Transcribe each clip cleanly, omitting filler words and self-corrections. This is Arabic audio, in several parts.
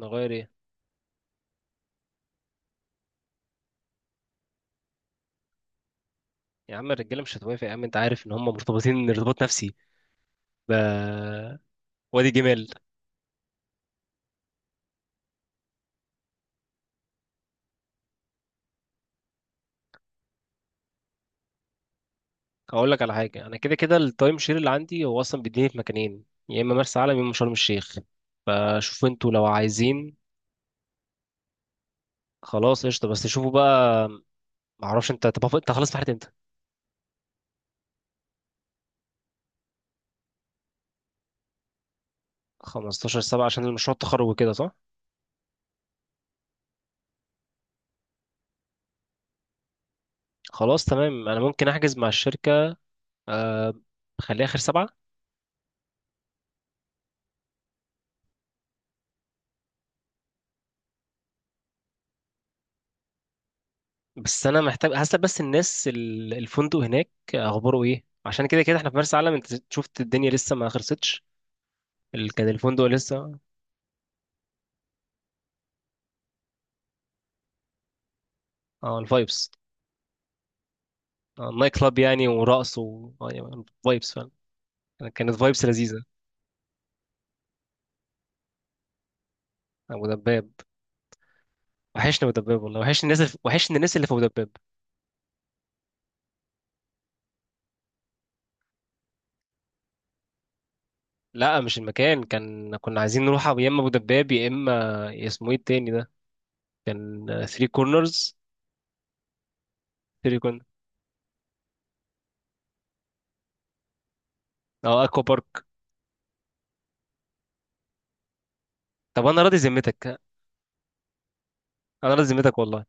نغير ايه؟ يا عم الرجاله مش هتوافق، يا عم انت عارف ان هم مرتبطين ارتباط نفسي ب وادي جمال. هقول لك على حاجه، انا كده كده التايم شير اللي عندي هو اصلا بيديني في مكانين، يا اما مرسى علم يا اما شرم الشيخ. فشوفوا انتوا لو عايزين. خلاص قشطه، بس شوفوا بقى. معرفش انت، طب انت خلاص في انت. 15 7 عشان المشروع التخرج وكده، صح؟ خلاص تمام، انا ممكن احجز مع الشركه. آه، خليها اخر سبعة. بس انا محتاج هسأل بس الناس الفندق هناك اخباره ايه، عشان كده كده احنا في مرسى علم انت شفت الدنيا لسه ما خلصتش. كان الفندق لسه. اه الفايبس. النايت كلاب يعني ورقص و يعني فايبس فعلا. كانت فايبس لذيذه. ابو دباب، وحشني ابو دباب والله. وحشني الناس اللي في ابو دباب. لا مش المكان، كان كنا عايزين نروح يا اما ابو دباب يا اما اسمه ايه التاني ده. كان 3 كورنرز. 3 كورنرز. اه اكوا بارك. طب انا راضي ذمتك، انا راضي ذمتك والله.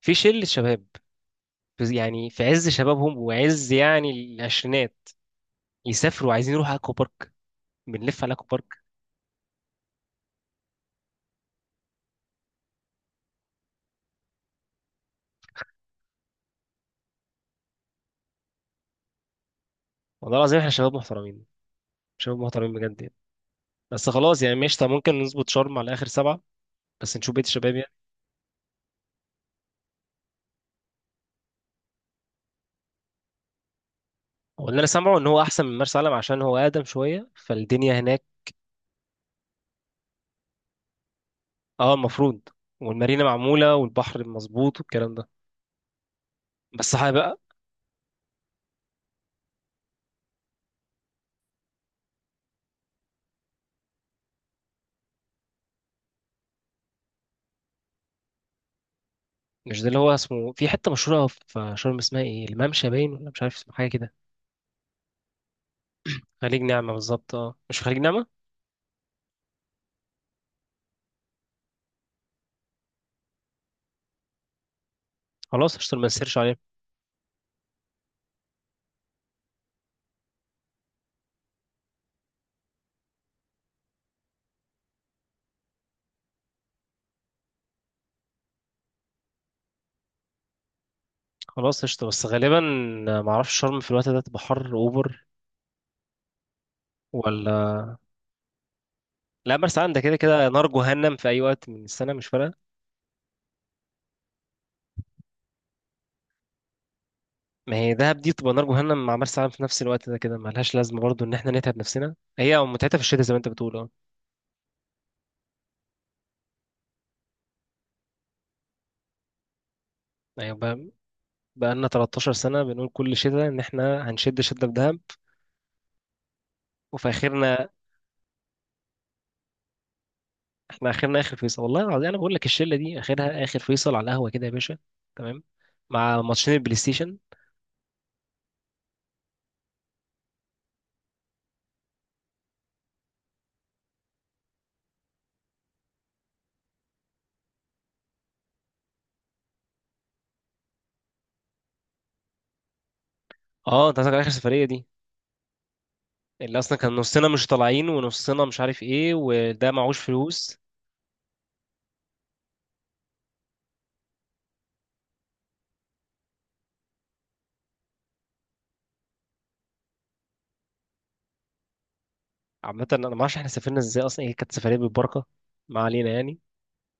في شله شباب، يعني في عز شبابهم وعز يعني العشرينات، يسافروا عايزين يروحوا اكوا بارك. بنلف على اكوا بارك. والله العظيم احنا شباب محترمين، شباب محترمين بجد يعني. بس خلاص يعني ماشي، طب ممكن نظبط شرم على اخر سبعه بس نشوف بيت الشباب يعني. هو اللي انا سامعه ان هو احسن من مرسى علم عشان هو اقدم شويه فالدنيا هناك. اه المفروض، والمارينا معموله والبحر مظبوط والكلام ده. بس صح بقى، مش ده اللي هو اسمه في حته مشهوره في شرم اسمها ايه، الممشى باين ولا مش عارف اسمه حاجه كده؟ خليج نعمه بالظبط، اه مش في خليج نعمه. خلاص قشطة ما نسيرش عليها. خلاص قشطة، بس غالبا معرفش شرم في الوقت ده تبقى حر اوفر ولا لا. مرسى علم ده كده كده نار جهنم في اي وقت من السنة، مش فارقة. ما هي دهب دي تبقى نار جهنم مع مرسى علم في نفس الوقت ده كده، ملهاش لازمة برضو ان احنا نتعب نفسنا، هي متعتها في الشتاء زي ما انت بتقول اه. يعني بقى بقالنا 13 سنة بنقول كل شتاء ان احنا هنشد شدة في دهب وفي اخرنا. احنا اخرنا اخر فيصل، والله العظيم انا بقول لك الشلة دي اخرها اخر فيصل على القهوة كده يا باشا. تمام، مع ماتشين البلاي ستيشن. اه انت قصدك على اخر سفرية دي، اللي اصلا كان نصنا مش طالعين ونصنا مش عارف ايه وده معهوش فلوس. عامه انا ما اعرفش احنا سافرنا ازاي اصلا، هي كانت سفريه بالبركه. ما علينا يعني.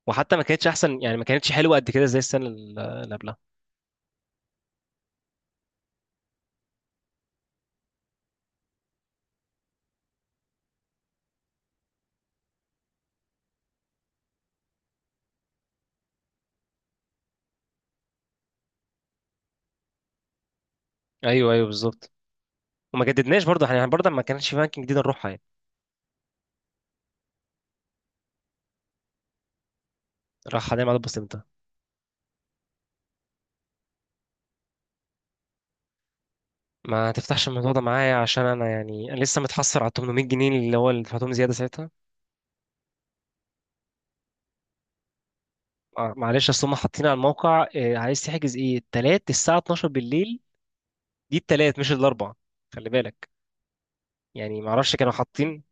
وحتى ما كانتش احسن، يعني ما كانتش حلوه قد كده زي السنه اللي قبلها. ايوه ايوه بالظبط، وما جددناش برضه احنا يعني برضه ما كانش في اماكن جديده نروحها يعني. راح حدائق معدل بسيطه. ما تفتحش الموضوع ده معايا، عشان انا يعني انا لسه متحسر على 800 جنيه اللي هو اللي دفعتهم زياده ساعتها. معلش اصل هم حاطين على الموقع عايز تحجز ايه، التلات الساعه 12 بالليل. دي التلات مش الاربع. خلي بالك، يعني ما اعرفش كانوا حاطين.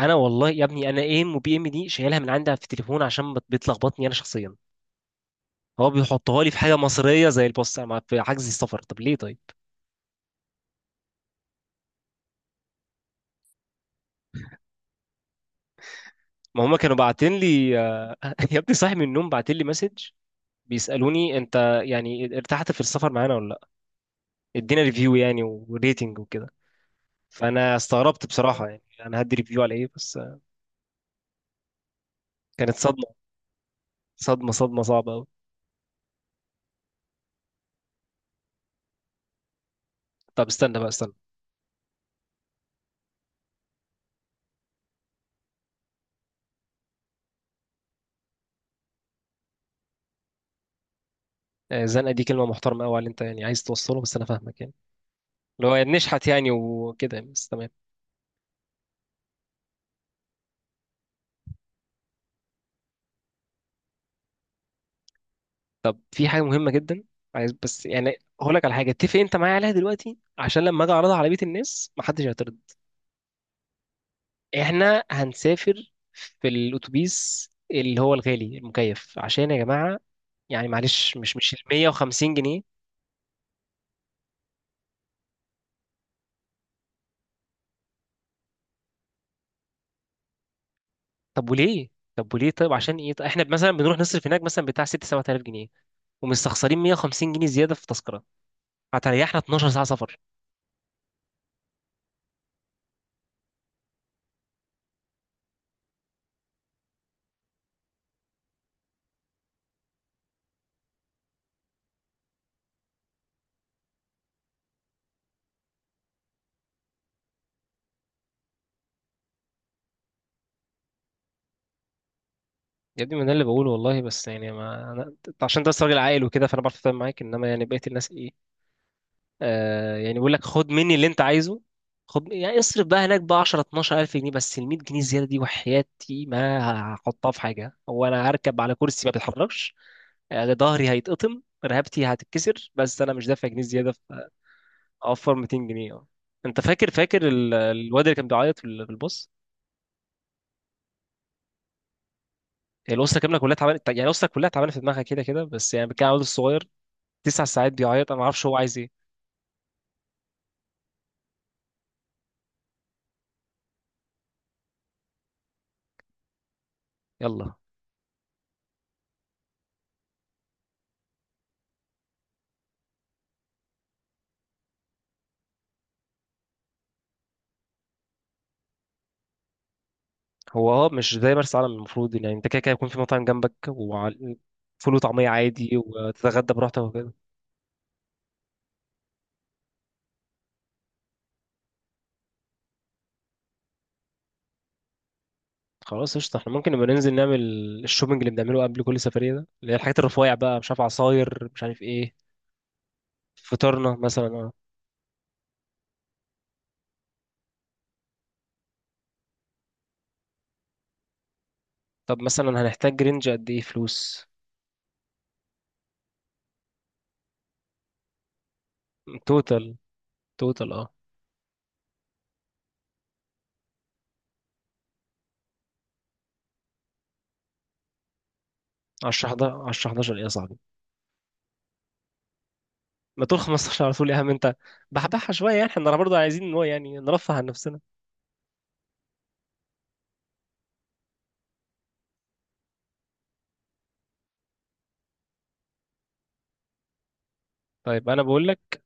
انا والله يا ابني انا ايه ام وبي ام دي شايلها من عندها في التليفون عشان بتلخبطني انا شخصيا. هو بيحطها لي في حاجه مصريه زي البوست في حجز السفر، طب ليه طيب؟ ما هم كانوا باعتين لي يا ابني صاحي من النوم باعتين لي مسج بيسالوني انت يعني ارتحت في السفر معانا ولا لا. ادينا ريفيو يعني وريتنج وكده. فانا استغربت بصراحه، يعني انا هدي ريفيو على ايه بس كانت صدمه. صدمه صعبه قوي. طب استنى بقى استنى. زنقه دي كلمه محترمه قوي على اللي انت يعني عايز توصله، بس انا فاهمك يعني، اللي هو نشحت يعني وكده، بس تمام. طب في حاجة مهمة جدا، عايز بس يعني هقول لك على حاجة اتفق انت معايا عليها دلوقتي عشان لما اجي اعرضها على بيت الناس محدش هيعترض. احنا هنسافر في الاتوبيس اللي هو الغالي المكيف عشان يا جماعة، يعني معلش مش ال 150 جنيه. طب وليه، طيب عشان ايه طيب؟ احنا مثلا بنروح نصرف هناك مثلا بتاع 6 7000 جنيه، ومستخسرين 150 جنيه زيادة في تذكرة هتريحنا 12 ساعة سفر. يا ابني ما ده اللي بقوله والله، بس يعني ما انا أنت عشان انت بس راجل عاقل وكده فانا بعرف اتفاهم معاك، انما يعني بقيه الناس ايه. آه يعني بيقول لك خد مني اللي انت عايزه، خد يعني اصرف بقى هناك بقى 10 12 الف جنيه، بس ال 100 جنيه زياده دي وحياتي ما هحطها في حاجه، هو انا هركب على كرسي ما بيتحركش. ظهري هيتقطم رقبتي هتتكسر، بس انا مش دافع جنيه زياده اوفر 200 جنيه اه. انت فاكر، فاكر الواد اللي كان بيعيط في في الباص. هي الاسره كامله كلها تعبانه، يعني الاسره كلها تعبانه في دماغها كده كده، بس يعني كان الواد الصغير 9 ساعات بيعيط انا ما اعرفش هو عايز ايه. يلا. هو اه مش زي مرسى علم، المفروض يعني انت كده كده يكون في مطاعم جنبك وفول وطعميه عادي وتتغدى براحتك وكده. خلاص قشطه، احنا ممكن نبقى ننزل نعمل الشوبينج اللي بنعمله قبل كل سفريه ده اللي هي الحاجات الرفيع بقى، مش عارف عصاير مش عارف ايه. فطارنا مثلا اه. طب مثلا هنحتاج رينج قد ايه فلوس؟ توتال، توتال اه. 10 11 10 11 ايه يا صاحبي؟ ما تقول 15 على طول يا عم انت، بحبحها شويه يعني احنا برضه عايزين ان هو يعني نرفه عن نفسنا. طيب انا بقول لك،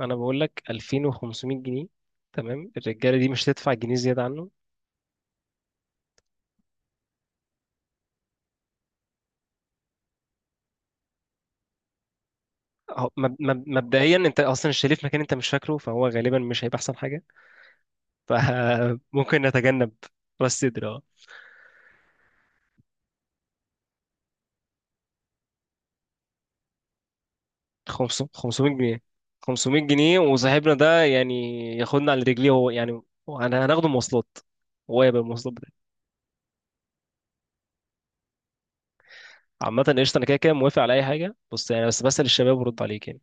2500 جنيه. تمام، الرجاله دي مش هتدفع جنيه زياده عنه. أهو، مبدئيا انت اصلا شايف في مكان انت مش فاكره، فهو غالبا مش هيبقى احسن حاجه، فممكن نتجنب. راس صدر اه. 500 جنيه. وصاحبنا ده يعني ياخدنا على رجليه هو يعني. انا هناخده مواصلات، هو يبقى المواصلات بتاعتي. عامة قشطة، أنا كده كده موافق على أي حاجة، بص يعني بس بسأل الشباب ورد عليك يعني.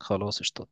خلاص قشطة.